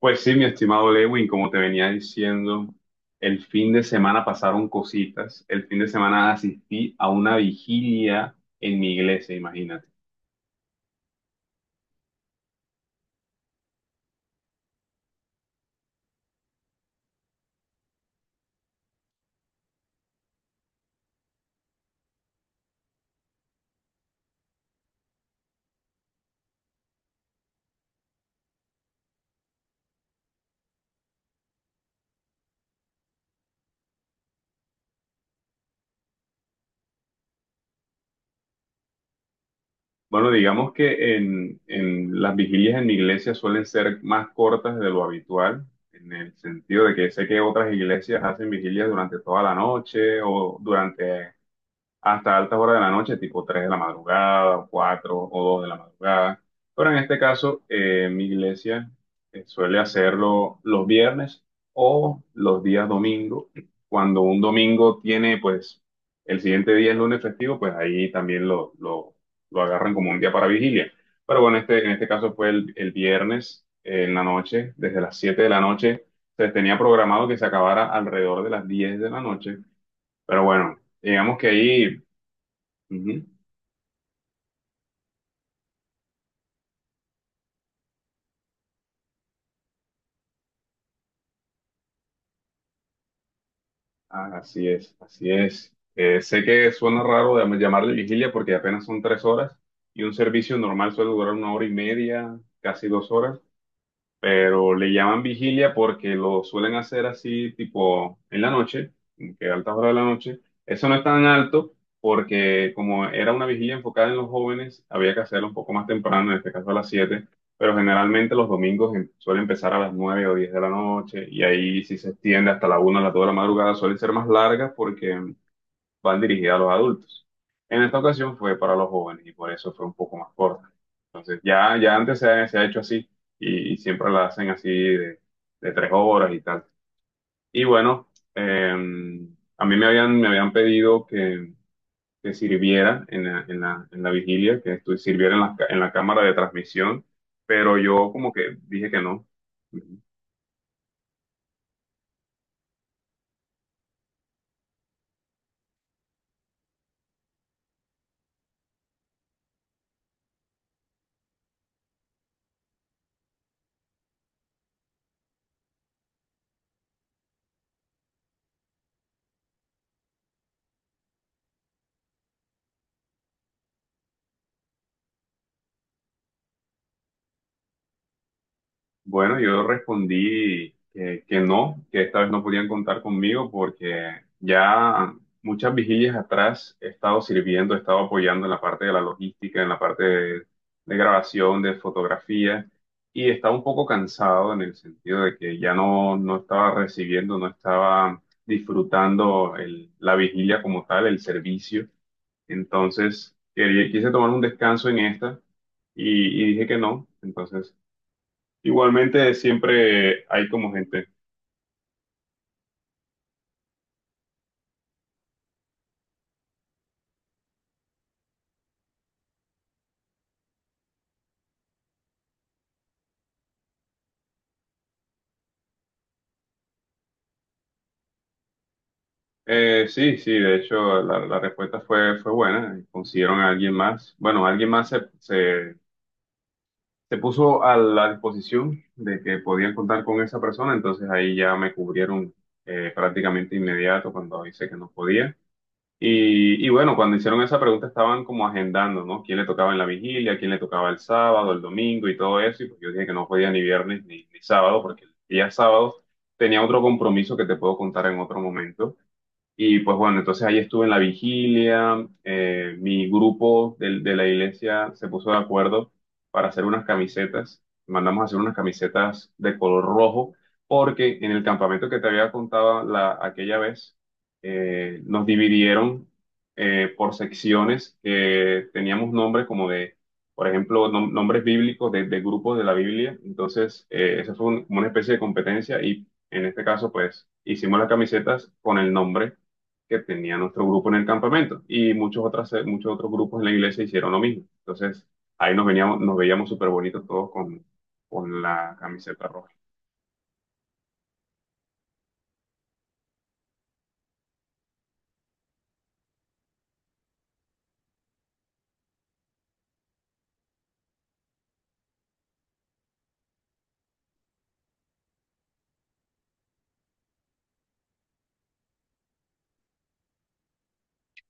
Pues sí, mi estimado Lewin, como te venía diciendo, el fin de semana pasaron cositas. El fin de semana asistí a una vigilia en mi iglesia, imagínate. Bueno, digamos que en las vigilias en mi iglesia suelen ser más cortas de lo habitual, en el sentido de que sé que otras iglesias hacen vigilias durante toda la noche o durante hasta altas horas de la noche, tipo 3 de la madrugada, o 4 o 2 de la madrugada. Pero en este caso, mi iglesia suele hacerlo los viernes o los días domingo. Cuando un domingo tiene, pues, el siguiente día es lunes festivo, pues ahí también lo agarran como un día para vigilia. Pero bueno, este, en este caso fue el viernes en la noche, desde las 7 de la noche. Se tenía programado que se acabara alrededor de las 10 de la noche. Pero bueno, digamos que ahí ujú. Ah, así es, así es. Sé que suena raro llamarle vigilia porque apenas son 3 horas y un servicio normal suele durar una hora y media, casi 2 horas, pero le llaman vigilia porque lo suelen hacer así tipo en la noche, como que a altas horas de la noche. Eso no es tan alto porque como era una vigilia enfocada en los jóvenes, había que hacerlo un poco más temprano, en este caso a las 7, pero generalmente los domingos suele empezar a las 9 o 10 de la noche y ahí si se extiende hasta la 1 o las 2 de la madrugada, suelen ser más largas porque van dirigidas a los adultos. En esta ocasión fue para los jóvenes y por eso fue un poco más corta. Entonces, ya antes se ha hecho así y siempre la hacen así de 3 horas y tal. Y bueno, eh, a mí me habían pedido que sirviera en la vigilia, que sirviera en la cámara de transmisión, pero yo como que dije que no. Bueno, yo respondí que no, que esta vez no podían contar conmigo porque ya muchas vigilias atrás he estado sirviendo, he estado apoyando en la parte de la logística, en la parte de grabación, de fotografía, y estaba un poco cansado en el sentido de que ya no estaba recibiendo, no estaba disfrutando la vigilia como tal, el servicio. Entonces, quise tomar un descanso en esta y dije que no. Entonces, igualmente siempre hay como gente. Sí, sí, de hecho la respuesta fue buena. Consiguieron a alguien más. Bueno, alguien más se puso a la disposición de que podían contar con esa persona, entonces ahí ya me cubrieron prácticamente inmediato cuando hice que no podía. Y bueno, cuando hicieron esa pregunta estaban como agendando, ¿no? ¿Quién le tocaba en la vigilia? ¿Quién le tocaba el sábado, el domingo y todo eso? Y pues yo dije que no podía ni viernes ni sábado, porque el día sábado tenía otro compromiso que te puedo contar en otro momento. Y pues bueno, entonces ahí estuve en la vigilia, mi grupo la iglesia se puso de acuerdo para hacer unas camisetas, mandamos a hacer unas camisetas de color rojo, porque en el campamento que te había contado aquella vez, nos dividieron por secciones que teníamos nombres como por ejemplo, nombres bíblicos de grupos de la Biblia, entonces eso fue como una especie de competencia y en este caso pues hicimos las camisetas con el nombre que tenía nuestro grupo en el campamento y muchos otros grupos en la iglesia hicieron lo mismo. Entonces, ahí nos veíamos súper bonitos todos con la camiseta roja.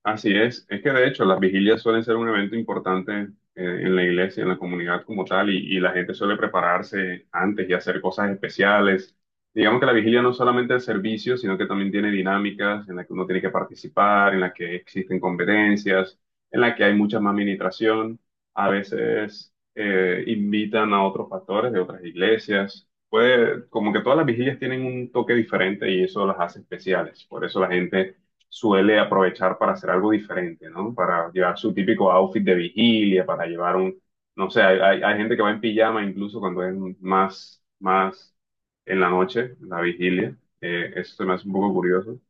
Así es que de hecho las vigilias suelen ser un evento importante en la iglesia, en la comunidad como tal, y la gente suele prepararse antes y hacer cosas especiales. Digamos que la vigilia no es solamente el servicio, sino que también tiene dinámicas en las que uno tiene que participar, en las que existen competencias, en las que hay mucha más ministración. A veces invitan a otros pastores de otras iglesias. Puede, como que todas las vigilias tienen un toque diferente y eso las hace especiales. Por eso la gente suele aprovechar para hacer algo diferente, ¿no? Para llevar su típico outfit de vigilia, para llevar un, no sé, hay gente que va en pijama incluso cuando es más en la noche, en la vigilia. Eso se me hace un poco curioso.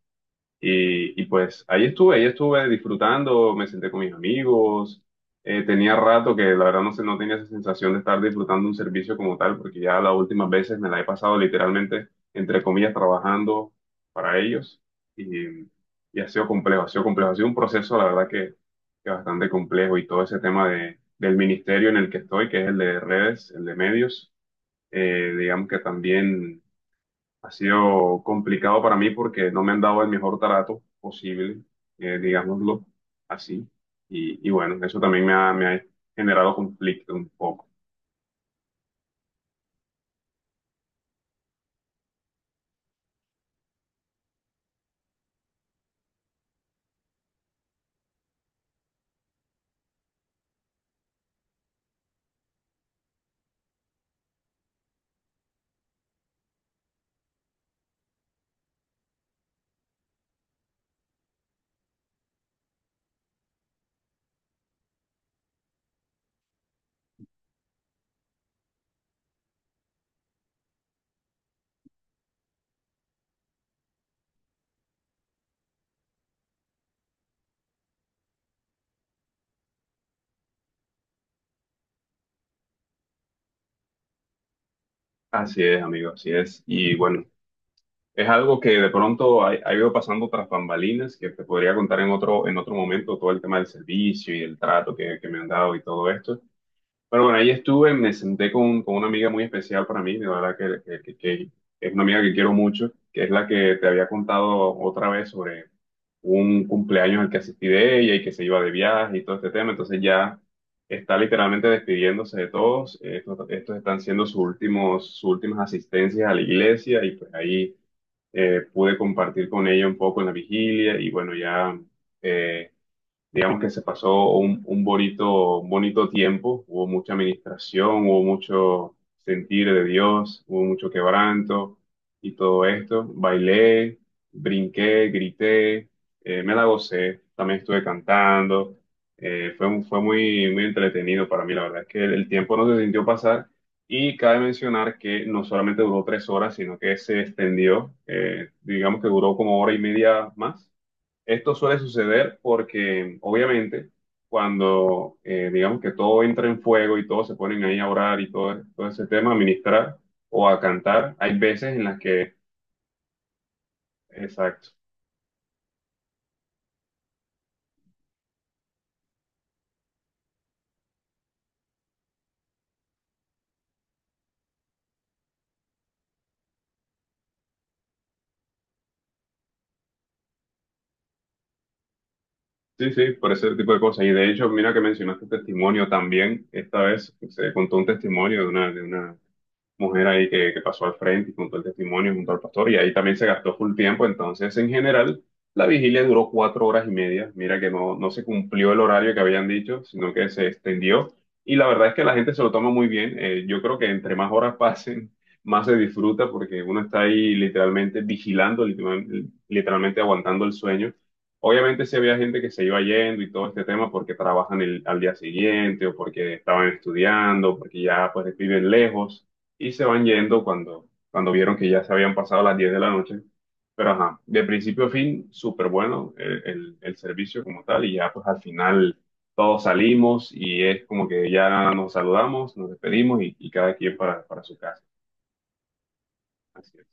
Y pues ahí estuve disfrutando, me senté con mis amigos, tenía rato que la verdad no sé, no tenía esa sensación de estar disfrutando un servicio como tal, porque ya las últimas veces me la he pasado literalmente, entre comillas, trabajando para ellos y, y ha sido complejo, ha sido un proceso, la verdad que bastante complejo y todo ese tema del ministerio en el que estoy, que es el de redes, el de medios, digamos que también ha sido complicado para mí porque no me han dado el mejor trato posible, digámoslo así. Y bueno, eso también me ha generado conflicto un poco. Así es, amigo, así es. Y bueno, es algo que de pronto ha ido pasando tras bambalinas, que te podría contar en otro momento todo el tema del servicio y el trato que me han dado y todo esto. Pero bueno, ahí estuve, me senté con una amiga muy especial para mí, de verdad que es una amiga que quiero mucho, que es la que te había contado otra vez sobre un cumpleaños al que asistí de ella y que se iba de viaje y todo este tema, entonces ya está literalmente despidiéndose de todos, estos están siendo sus últimas asistencias a la iglesia y pues ahí pude compartir con ella un poco en la vigilia y bueno, ya. Eh, digamos que se pasó un bonito tiempo, hubo mucha administración, hubo mucho sentir de Dios, hubo mucho quebranto y todo esto. Bailé, brinqué, grité, me la gocé, también estuve cantando. Fue muy, muy entretenido para mí, la verdad es que el tiempo no se sintió pasar. Y cabe mencionar que no solamente duró 3 horas, sino que se extendió, digamos que duró como hora y media más. Esto suele suceder porque, obviamente, cuando digamos que todo entra en fuego y todos se ponen ahí a orar y todo ese tema, a ministrar o a cantar, hay veces en las que, exacto, sí, sí, por ese tipo de cosas. Y de hecho, mira que mencionaste testimonio también, esta vez se contó un testimonio de una mujer ahí que pasó al frente y contó el testimonio junto al pastor y ahí también se gastó full tiempo. Entonces, en general, la vigilia duró 4 horas y media. Mira que no se cumplió el horario que habían dicho, sino que se extendió. Y la verdad es que la gente se lo toma muy bien. Yo creo que entre más horas pasen, más se disfruta porque uno está ahí literalmente vigilando, literalmente aguantando el sueño. Obviamente sí había gente que se iba yendo y todo este tema porque trabajan al día siguiente o porque estaban estudiando, porque ya pues viven lejos y se van yendo cuando vieron que ya se habían pasado las 10 de la noche. Pero ajá, de principio a fin, súper bueno el servicio como tal y ya pues al final todos salimos y es como que ya nos saludamos, nos despedimos y cada quien para su casa. Así es.